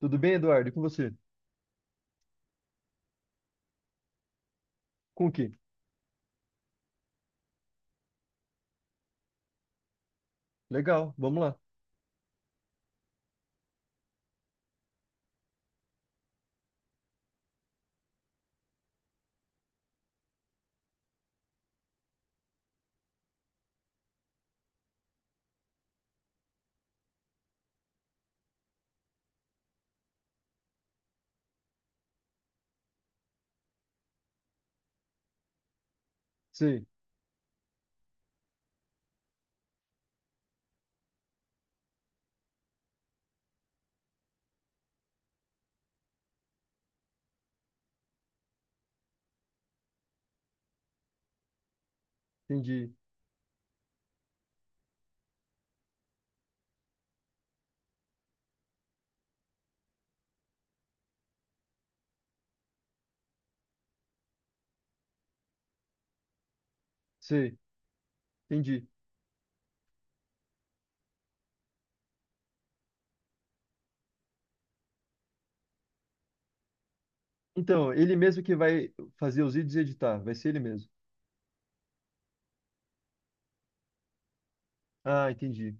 Tudo bem, Eduardo? E com você? Com o quê? Legal, vamos lá. Sei, entendi. Sei, entendi. Então, ele mesmo que vai fazer os vídeos e editar, vai ser ele mesmo. Ah, entendi.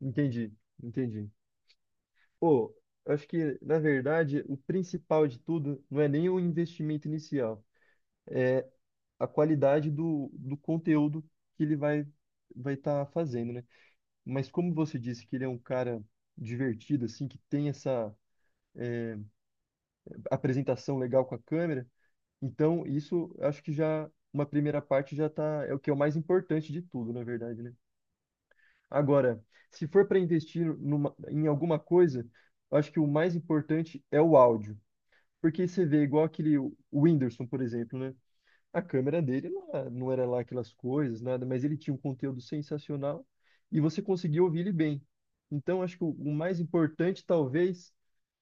Entendi, entendi. Pô, eu acho que, na verdade, o principal de tudo não é nem o investimento inicial, a qualidade do conteúdo que ele vai estar fazendo, né? Mas como você disse que ele é um cara divertido, assim, que tem essa eh, apresentação legal com a câmera. Então, isso acho que já uma primeira parte já tá, é o que é o mais importante de tudo, na verdade, né? Agora, se for para investir numa- em alguma coisa, eu acho que o mais importante é o áudio. Porque você vê igual aquele o Whindersson, por exemplo, né? A câmera dele não era lá aquelas coisas, nada, mas ele tinha um conteúdo sensacional e você conseguia ouvir ele bem. Então, acho que o mais importante, talvez,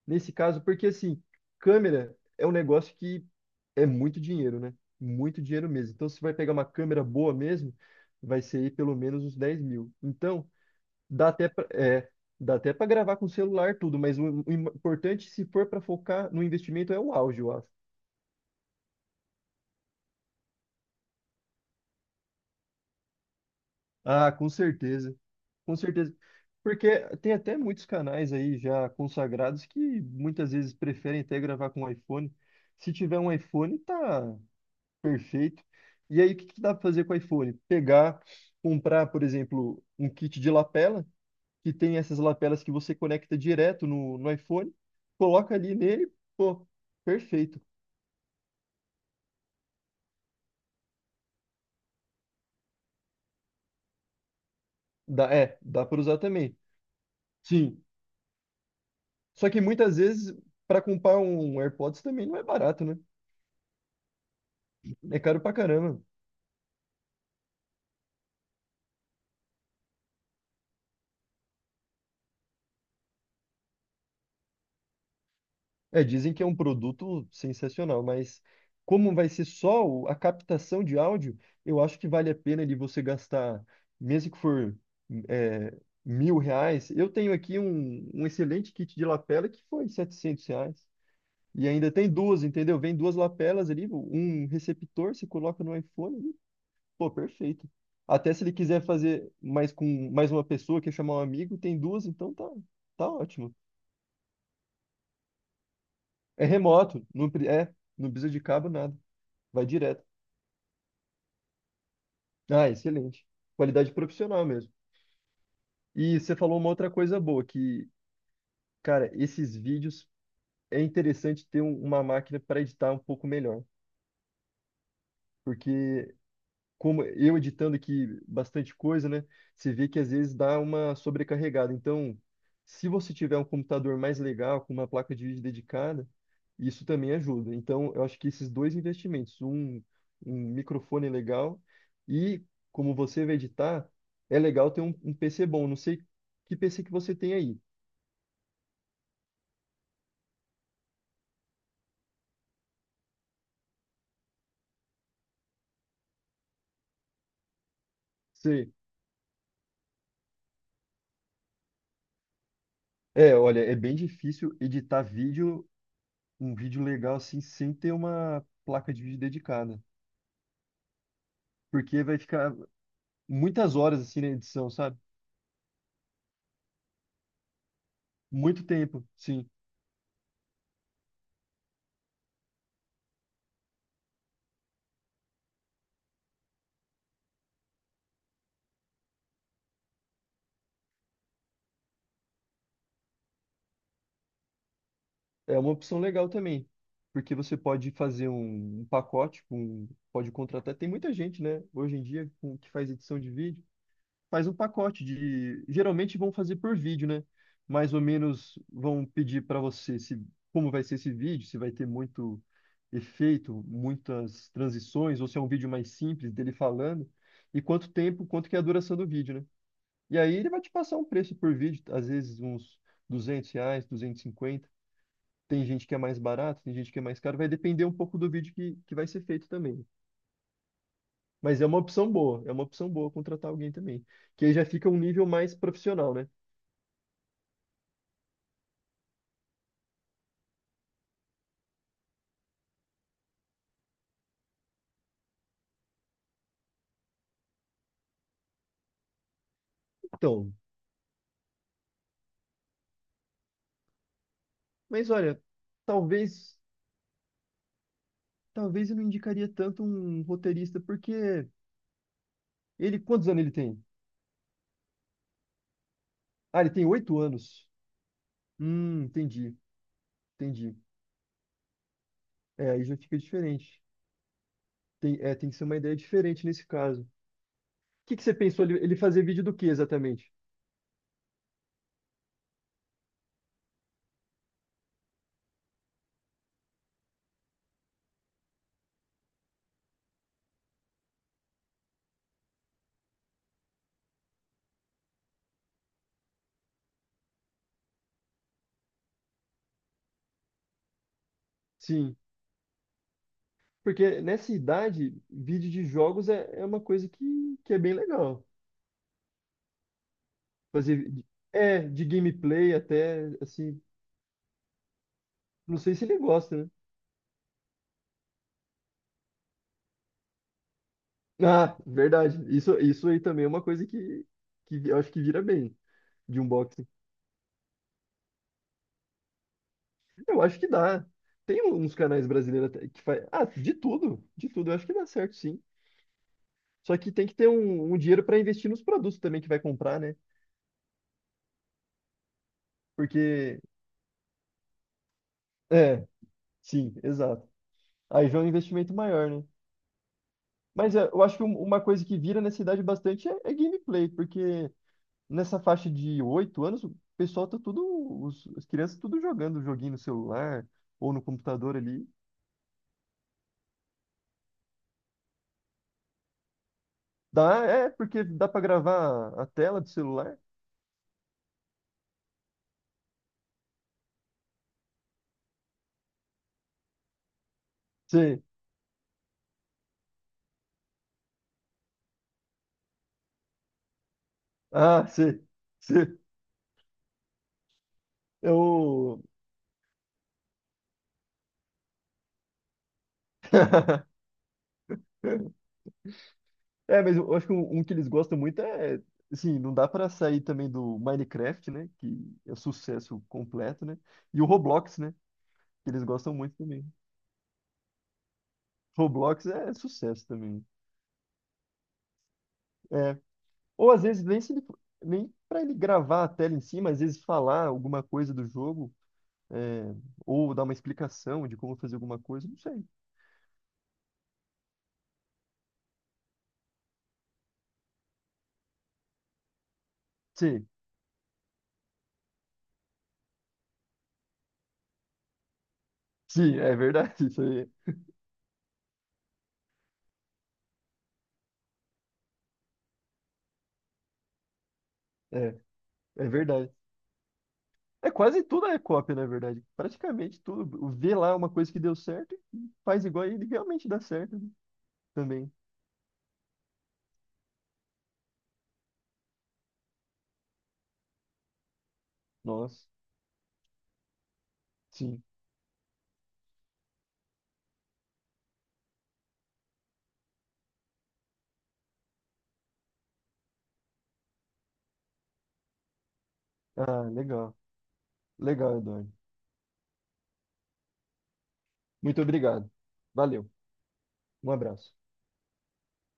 nesse caso, porque assim, câmera é um negócio que é muito dinheiro, né? Muito dinheiro mesmo. Então, se vai pegar uma câmera boa mesmo, vai ser aí pelo menos uns 10 mil. Então, dá até pra, é, dá até para gravar com celular tudo, mas o importante, se for para focar no investimento, é o áudio, eu acho. Ah, com certeza. Com certeza. Porque tem até muitos canais aí já consagrados que muitas vezes preferem até gravar com iPhone. Se tiver um iPhone, tá, perfeito. E aí, o que que dá para fazer com o iPhone? Pegar, comprar, por exemplo, um kit de lapela, que tem essas lapelas que você conecta direto no iPhone, coloca ali nele, pô, perfeito. Dá, é, dá para usar também. Sim. Só que muitas vezes, para comprar um AirPods também não é barato, né? É caro pra caramba. É, dizem que é um produto sensacional, mas como vai ser só o- a captação de áudio, eu acho que vale a pena de você gastar, mesmo que for, é, R$ 1.000. Eu tenho aqui um, um excelente kit de lapela que foi R$ 700. E ainda tem duas, entendeu? Vem duas lapelas ali, um receptor, você coloca no iPhone e, pô, perfeito. Até se ele quiser fazer mais com mais uma pessoa, quer chamar um amigo, tem duas, então tá, tá ótimo. É remoto, não, pre- é, não precisa de cabo, nada. Vai direto. Ah, excelente. Qualidade profissional mesmo. E você falou uma outra coisa boa, que, cara, esses vídeos é interessante ter um- uma máquina para editar um pouco melhor, porque como eu editando aqui bastante coisa, né? Você vê que às vezes dá uma sobrecarregada. Então, se você tiver um computador mais legal, com uma placa de vídeo dedicada, isso também ajuda. Então, eu acho que esses dois investimentos, um microfone legal e como você vai editar, é legal ter um, um PC bom. Não sei que PC que você tem aí. Você... É, olha, é bem difícil editar vídeo, um vídeo legal assim, sem ter uma placa de vídeo dedicada. Porque vai ficar muitas horas assim na edição, sabe? Muito tempo, sim. É uma opção legal também, porque você pode fazer um, um pacote com, pode contratar. Tem muita gente, né, hoje em dia com- que faz edição de vídeo, faz um pacote de, geralmente vão fazer por vídeo, né? Mais ou menos vão pedir para você se como vai ser esse vídeo, se vai ter muito efeito, muitas transições, ou se é um vídeo mais simples dele falando, e quanto tempo, quanto que é a duração do vídeo, né? E aí ele vai te passar um preço por vídeo, às vezes uns R$ 200, 250. Tem gente que é mais barato, tem gente que é mais caro. Vai depender um pouco do vídeo que vai ser feito também. Mas é uma opção boa, é uma opção boa contratar alguém também. Que aí já fica um nível mais profissional, né? Então, mas olha, talvez, talvez eu não indicaria tanto um roteirista, porque ele, quantos anos ele tem? Ah, ele tem 8 anos. Entendi, entendi. É, aí já fica diferente. Tem, é, tem que ser uma ideia diferente nesse caso. Que você pensou ele, ele fazer vídeo do que exatamente? Sim, porque nessa idade, vídeo de jogos é, é uma coisa que é bem legal. Fazer de- é de gameplay até assim, não sei se ele gosta, né? Ah, verdade. Isso aí também é uma coisa que eu acho que vira bem de unboxing. Eu acho que dá. Tem um, uns canais brasileiros até que faz, ah, de tudo, eu acho que dá certo sim. Só que tem que ter um, um dinheiro para investir nos produtos também que vai comprar, né? Porque é, sim, exato. Aí já é um investimento maior, né? Mas é, eu acho que um- uma coisa que vira nessa idade bastante é, é gameplay, porque nessa faixa de 8 anos, o pessoal tá tudo, os, as crianças tudo jogando joguinho no celular ou no computador ali. Dá, é, porque dá pra gravar a tela do celular. Sim. Ah, sim. Sim. Eu. É, mas eu acho que um que eles gostam muito é, assim, não dá pra sair também do Minecraft, né? Que é sucesso completo, né? E o Roblox, né? Que eles gostam muito também. Roblox é sucesso também. É. Ou às vezes nem se ele, nem para ele gravar a tela em si, mas às vezes falar alguma coisa do jogo, é, ou dar uma explicação de como fazer alguma coisa, não sei. Sim, sim, é verdade. Isso aí é, é verdade. É quase tudo é cópia, na verdade. Praticamente tudo. Vê lá é uma coisa que deu certo e faz igual e ele realmente dá certo, né? Também. Nossa, sim. Ah, legal. Legal, Eduardo. Muito obrigado. Valeu. Um abraço.